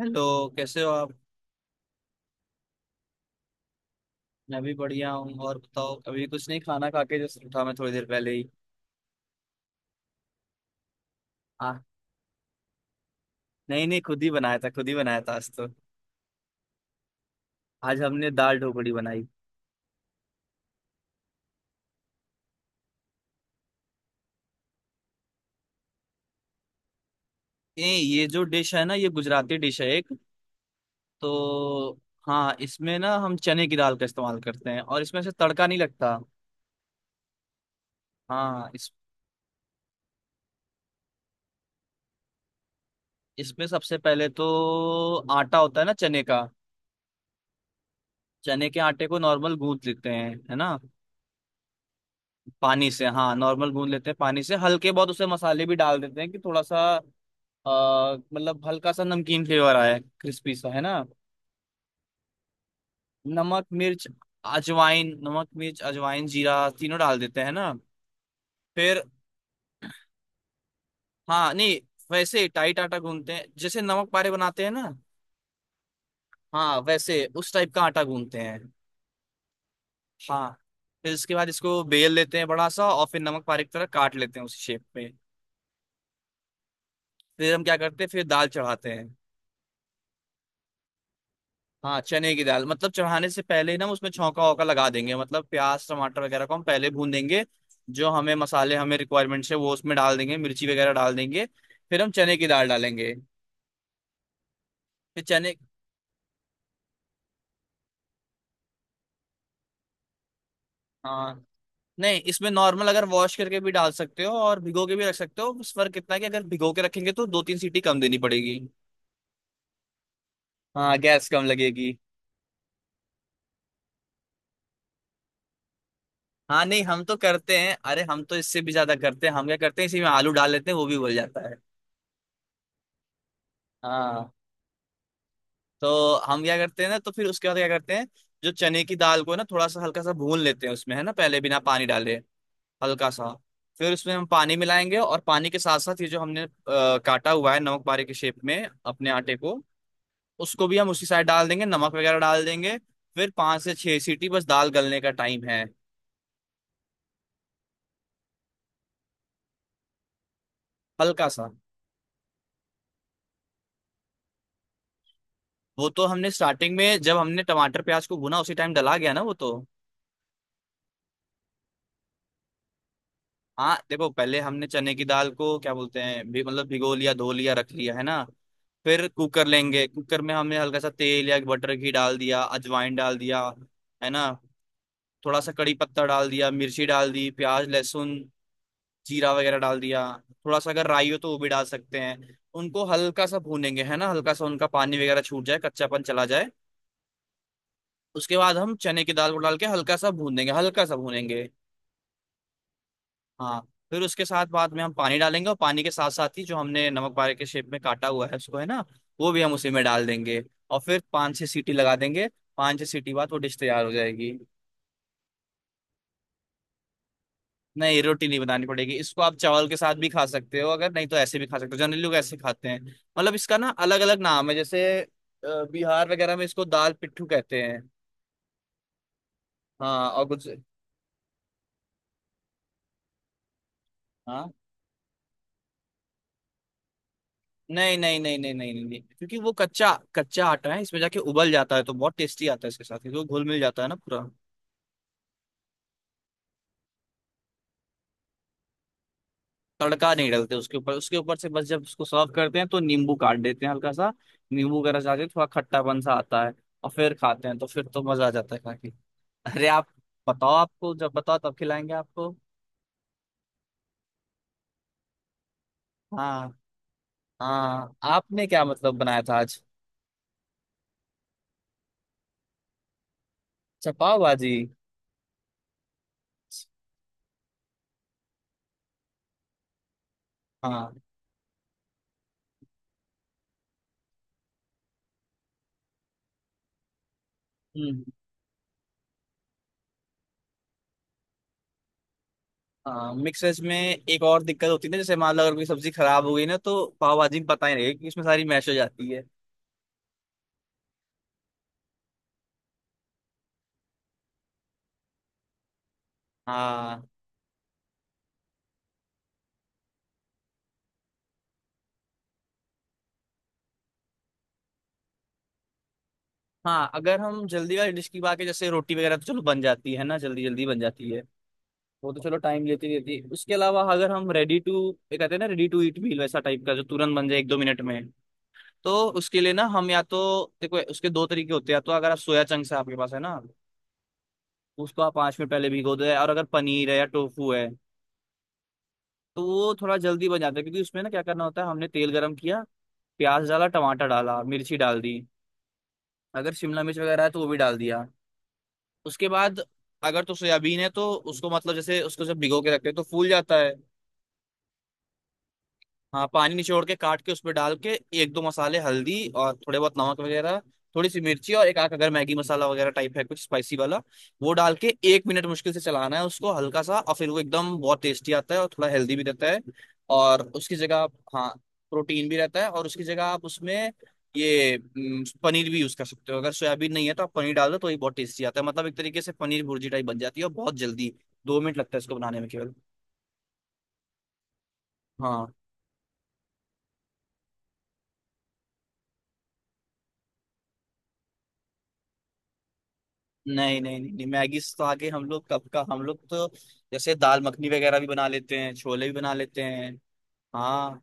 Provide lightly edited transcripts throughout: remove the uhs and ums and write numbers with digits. Hello. कैसे हो आप। मैं भी बढ़िया हूँ। और बताओ, अभी कुछ नहीं, खाना खा के जस्ट उठा मैं थोड़ी देर पहले ही। आ, नहीं नहीं, खुद ही बनाया था, खुद ही बनाया था आज तो। आज हमने दाल ढोकड़ी बनाई। ये जो डिश है ना, ये गुजराती डिश है एक, तो हाँ। इसमें ना हम चने की दाल का इस्तेमाल करते हैं, और इसमें से तड़का नहीं लगता। हाँ, इस इसमें सबसे पहले तो आटा होता है ना चने का। चने के आटे को नॉर्मल गूंथ लेते हैं, है ना। पानी से, हाँ, नॉर्मल गूंद लेते हैं पानी से, हल्के बहुत उसे मसाले भी डाल देते हैं कि थोड़ा सा मतलब हल्का सा नमकीन फ्लेवर आया है, क्रिस्पी सा, है ना। नमक मिर्च, अजवाइन। नमक मिर्च अजवाइन जीरा तीनों डाल देते हैं ना। फिर हाँ, नहीं, वैसे टाइट आटा गूंथते हैं, जैसे नमक पारे बनाते हैं ना। हाँ, वैसे उस टाइप का आटा गूंथते हैं। हाँ, फिर इसके बाद इसको बेल लेते हैं बड़ा सा, और फिर नमक पारे की तरह काट लेते हैं उस शेप में। फिर हम क्या करते हैं, फिर दाल चढ़ाते हैं। हाँ, चने की दाल। मतलब चढ़ाने से पहले ही ना, हम उसमें छौंका वौका लगा देंगे। मतलब प्याज टमाटर वगैरह को हम पहले भून देंगे, जो हमें मसाले हमें रिक्वायरमेंट्स है वो उसमें डाल देंगे, मिर्ची वगैरह डाल देंगे। फिर हम चने की दाल डालेंगे। फिर चने, हाँ। नहीं, इसमें नॉर्मल, अगर वॉश करके भी डाल सकते हो और भिगो के भी रख सकते हो, बस फर्क इतना है कि अगर भिगो के रखेंगे तो दो तीन सीटी कम देनी पड़ेगी। हाँ, गैस कम लगेगी। हाँ, नहीं हम तो करते हैं। अरे हम तो इससे भी ज्यादा करते हैं, हम क्या करते हैं इसी में आलू डाल लेते हैं, वो भी उबल जाता है। हाँ। तो हम क्या करते हैं ना, तो फिर उसके बाद क्या करते हैं, जो चने की दाल को ना थोड़ा सा हल्का सा भून लेते हैं उसमें, है ना, पहले बिना पानी डाले, हल्का सा। फिर उसमें हम पानी मिलाएंगे, और पानी के साथ साथ ये जो हमने काटा हुआ है नमक बारे के शेप में अपने आटे को, उसको भी हम उसी साइड डाल देंगे, नमक वगैरह डाल देंगे। फिर पांच से छह सीटी, बस दाल गलने का टाइम है। हल्का सा, वो तो हमने स्टार्टिंग में जब हमने टमाटर प्याज को भुना उसी टाइम डला गया ना वो तो। हाँ देखो, पहले हमने चने की दाल को क्या बोलते हैं भी मतलब भिगो लिया, धो लिया, रख लिया, है ना। फिर कुकर लेंगे, कुकर में हमने हल्का सा तेल या बटर घी डाल दिया, अजवाइन डाल दिया, है ना। थोड़ा सा कड़ी पत्ता डाल दिया, मिर्ची डाल दी, प्याज लहसुन जीरा वगैरह डाल दिया। थोड़ा सा अगर राई हो तो वो भी डाल सकते हैं। उनको हल्का सा भूनेंगे, है ना, हल्का सा, उनका पानी वगैरह छूट जाए, कच्चापन चला जाए। उसके बाद हम चने की दाल को डाल के हल्का सा भून देंगे, हल्का सा भूनेंगे। हाँ, फिर उसके साथ बाद में हम पानी डालेंगे, और पानी के साथ साथ ही जो हमने नमक बारे के शेप में काटा हुआ है उसको, है ना, वो भी हम उसी में डाल देंगे। और फिर पाँच छह सीटी लगा देंगे। पाँच छह सीटी बाद वो डिश तैयार हो जाएगी। नहीं, रोटी नहीं बनानी पड़ेगी, इसको आप चावल के साथ भी खा सकते हो, अगर नहीं तो ऐसे भी खा सकते हो, जनरली लोग ऐसे खाते हैं। मतलब इसका ना अलग अलग नाम है, जैसे बिहार वगैरह में इसको दाल पिट्ठू कहते हैं। हाँ, और कुछ। हाँ नहीं नहीं नहीं नहीं नहीं नहीं नहीं। क्योंकि वो कच्चा कच्चा आटा है इसमें जाके उबल जाता है, तो बहुत टेस्टी आता है इसके साथ, क्योंकि वो घुल मिल जाता है ना पूरा। तड़का नहीं डालते उसके ऊपर, उसके ऊपर से बस जब उसको सर्व करते हैं तो नींबू काट देते हैं हल्का सा, नींबू का रस आके थोड़ा खट्टापन सा आता है। और फिर खाते हैं तो फिर तो मजा आ जाता है खा के। अरे आप बताओ, आपको जब बताओ तब खिलाएंगे आपको। हाँ। हाँ, आपने क्या मतलब बनाया था आज। अच्छा पाव भाजी। हाँ, हम्म। हाँ, मिक्स वेज में एक और दिक्कत होती है ना, जैसे मान लो अगर कोई सब्जी खराब हो गई ना, तो पाव भाजी में पता ही नहीं कि उसमें सारी मैश हो जाती है। हाँ। हाँ, अगर हम जल्दी वाली डिश की बात करें, जैसे रोटी वगैरह, तो चलो बन जाती है ना, जल्दी जल्दी बन जाती है। वो तो चलो टाइम लेती रहती है, उसके अलावा अगर हम रेडी टू, ये कहते हैं ना रेडी टू ईट मील, वैसा टाइप का जो तुरंत बन जाए एक दो मिनट में, तो उसके लिए ना हम या तो, देखो उसके दो तरीके होते हैं। या तो अगर आप सोया चंक्स है आपके पास, है ना, उसको आप पाँच मिनट पहले भिगो दो, और अगर पनीर है या टोफू है तो वो थोड़ा जल्दी बन जाता है, क्योंकि उसमें ना क्या करना होता है, हमने तेल गर्म किया, प्याज डाला, टमाटर डाला, मिर्ची डाल दी, अगर शिमला मिर्च वगैरह है तो वो भी डाल दिया। उसके बाद, अगर तो सोयाबीन है तो उसको, मतलब जैसे उसको जब भिगो के रखते हैं तो फूल जाता है। हाँ, पानी निचोड़ के काट के उसमें डाल के, एक दो मसाले, हल्दी और थोड़े बहुत नमक वगैरह, थोड़ी सी मिर्ची, और एक आख अगर मैगी मसाला वगैरह टाइप है कुछ स्पाइसी वाला, वो डाल के एक मिनट मुश्किल से चलाना है उसको हल्का सा, और फिर वो एकदम बहुत टेस्टी आता है, और थोड़ा हेल्दी भी रहता है। और उसकी जगह आप, हाँ, प्रोटीन भी रहता है, और उसकी जगह आप उसमें, ये पनीर भी यूज कर सकते हो, अगर सोयाबीन नहीं है तो आप पनीर डाल दो, तो ये बहुत टेस्टी आता है, मतलब एक तरीके से पनीर भुर्जी टाइप बन जाती है, और बहुत जल्दी, दो मिनट लगता है इसको बनाने में केवल। हाँ, नहीं नहीं नहीं, नहीं मैगी से तो आगे हम लोग कब का, हम लोग तो जैसे दाल मखनी वगैरह भी बना लेते हैं, छोले भी बना लेते हैं। हाँ।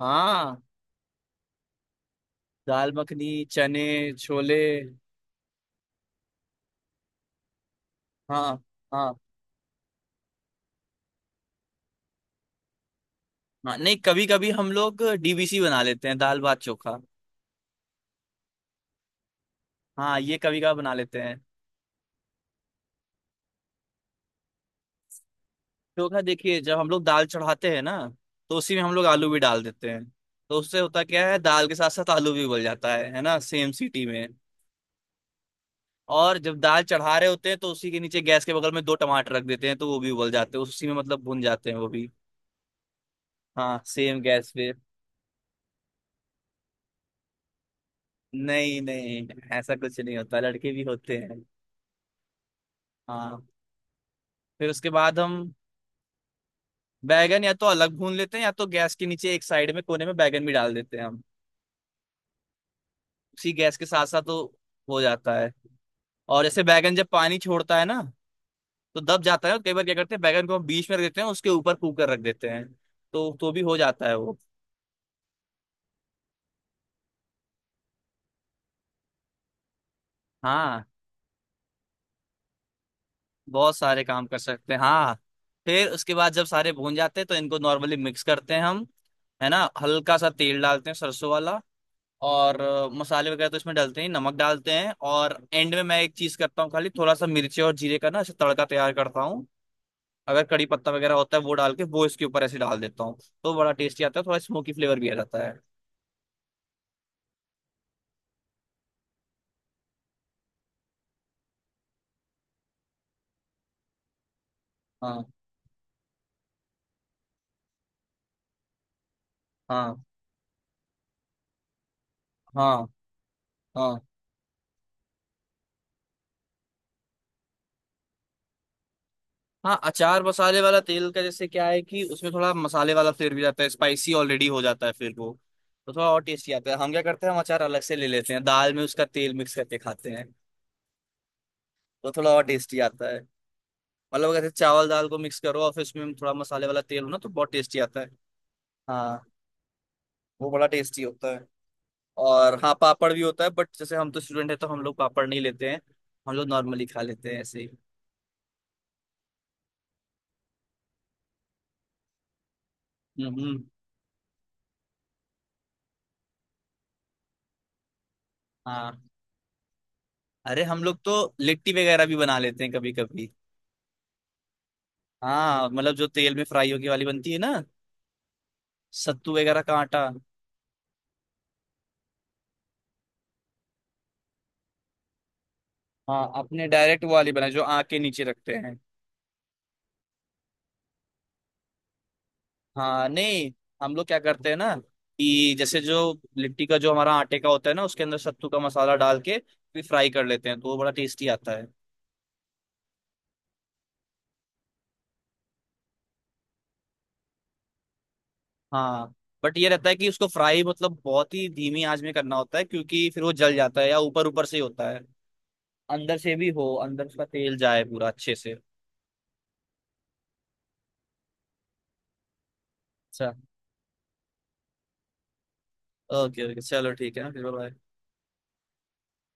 हाँ। दाल मखनी, चने, छोले। हाँ। हाँ, हाँ नहीं, कभी कभी हम लोग डीबीसी बना लेते हैं, दाल भात चोखा। हाँ, ये कभी कभी बना लेते हैं। चोखा, देखिए जब हम लोग दाल चढ़ाते हैं ना, तो उसी में हम लोग आलू भी डाल देते हैं। तो उससे होता क्या है, दाल के साथ साथ आलू भी उबल जाता है ना, सेम सीटी में। और जब दाल चढ़ा रहे होते हैं तो उसी के नीचे गैस के बगल में दो टमाटर रख देते हैं, तो वो भी उबल जाते हैं उसी में, मतलब भुन जाते हैं वो भी। हाँ, सेम गैस पे। नहीं नहीं, ऐसा कुछ नहीं होता, लड़के भी होते हैं। हाँ, फिर उसके बाद हम, बैगन या तो अलग भून लेते हैं, या तो गैस के नीचे एक साइड में कोने में बैगन भी डाल देते हैं हम, उसी गैस के साथ साथ तो हो जाता है। और जैसे बैगन जब पानी छोड़ता है ना, तो दब जाता है, और कई बार क्या करते हैं, बैगन को हम बीच में रख देते हैं उसके ऊपर कुकर रख देते हैं, तो भी हो जाता है वो। हाँ, बहुत सारे काम कर सकते हैं, हाँ। फिर उसके बाद जब सारे भून जाते हैं तो इनको नॉर्मली मिक्स करते हैं हम, है ना, हल्का सा तेल डालते हैं सरसों वाला, और मसाले वगैरह तो इसमें डालते हैं, नमक डालते हैं, और एंड में मैं एक चीज करता हूँ, खाली थोड़ा सा मिर्ची और जीरे का ना ऐसे तड़का तैयार करता हूँ, अगर कड़ी पत्ता वगैरह होता है वो डाल के वो इसके ऊपर ऐसे डाल देता हूँ। तो बड़ा टेस्टी आता है, थोड़ा स्मोकी फ्लेवर भी आ जाता है। हाँ हाँ हाँ हाँ हाँ। अचार मसाले वाला तेल का जैसे क्या है कि उसमें थोड़ा मसाले वाला फ्लेवर भी जाता है, स्पाइसी ऑलरेडी हो जाता है फिर वो, तो थोड़ा और टेस्टी आता है। हम क्या करते हैं, हम अचार अलग से ले लेते हैं, दाल में उसका तेल मिक्स करके खाते हैं, तो थोड़ा और टेस्टी आता है। मतलब अगर जैसे चावल दाल को मिक्स करो और फिर उसमें थोड़ा मसाले वाला तेल हो ना, तो बहुत टेस्टी आता है। हाँ। वो बड़ा टेस्टी होता है। और हाँ, पापड़ भी होता है, बट जैसे हम तो स्टूडेंट है, तो हम लोग पापड़ नहीं लेते हैं। हम लोग नॉर्मली खा लेते हैं ऐसे ही। हम्म हम्म, हाँ, अरे हम लोग तो लिट्टी वगैरह भी बना लेते हैं कभी कभी। हाँ, मतलब जो तेल में फ्राई होगी वाली बनती है ना, सत्तू वगैरह का आटा। हाँ, अपने डायरेक्ट वो वाली बनाए जो आँख के नीचे रखते हैं। हाँ नहीं, हम लोग क्या करते हैं ना कि जैसे जो लिट्टी का जो हमारा आटे का होता है ना, उसके अंदर सत्तू का मसाला डाल के फिर फ्राई कर लेते हैं, तो वो बड़ा टेस्टी आता है। हाँ बट ये रहता है कि उसको फ्राई मतलब बहुत ही धीमी आंच में करना होता है, क्योंकि फिर वो जल जाता है या ऊपर ऊपर से ही होता है। अंदर से भी हो, अंदर उसका तेल जाए पूरा अच्छे से। अच्छा, ओके ओके चलो, ठीक है ना, फिर bye-bye।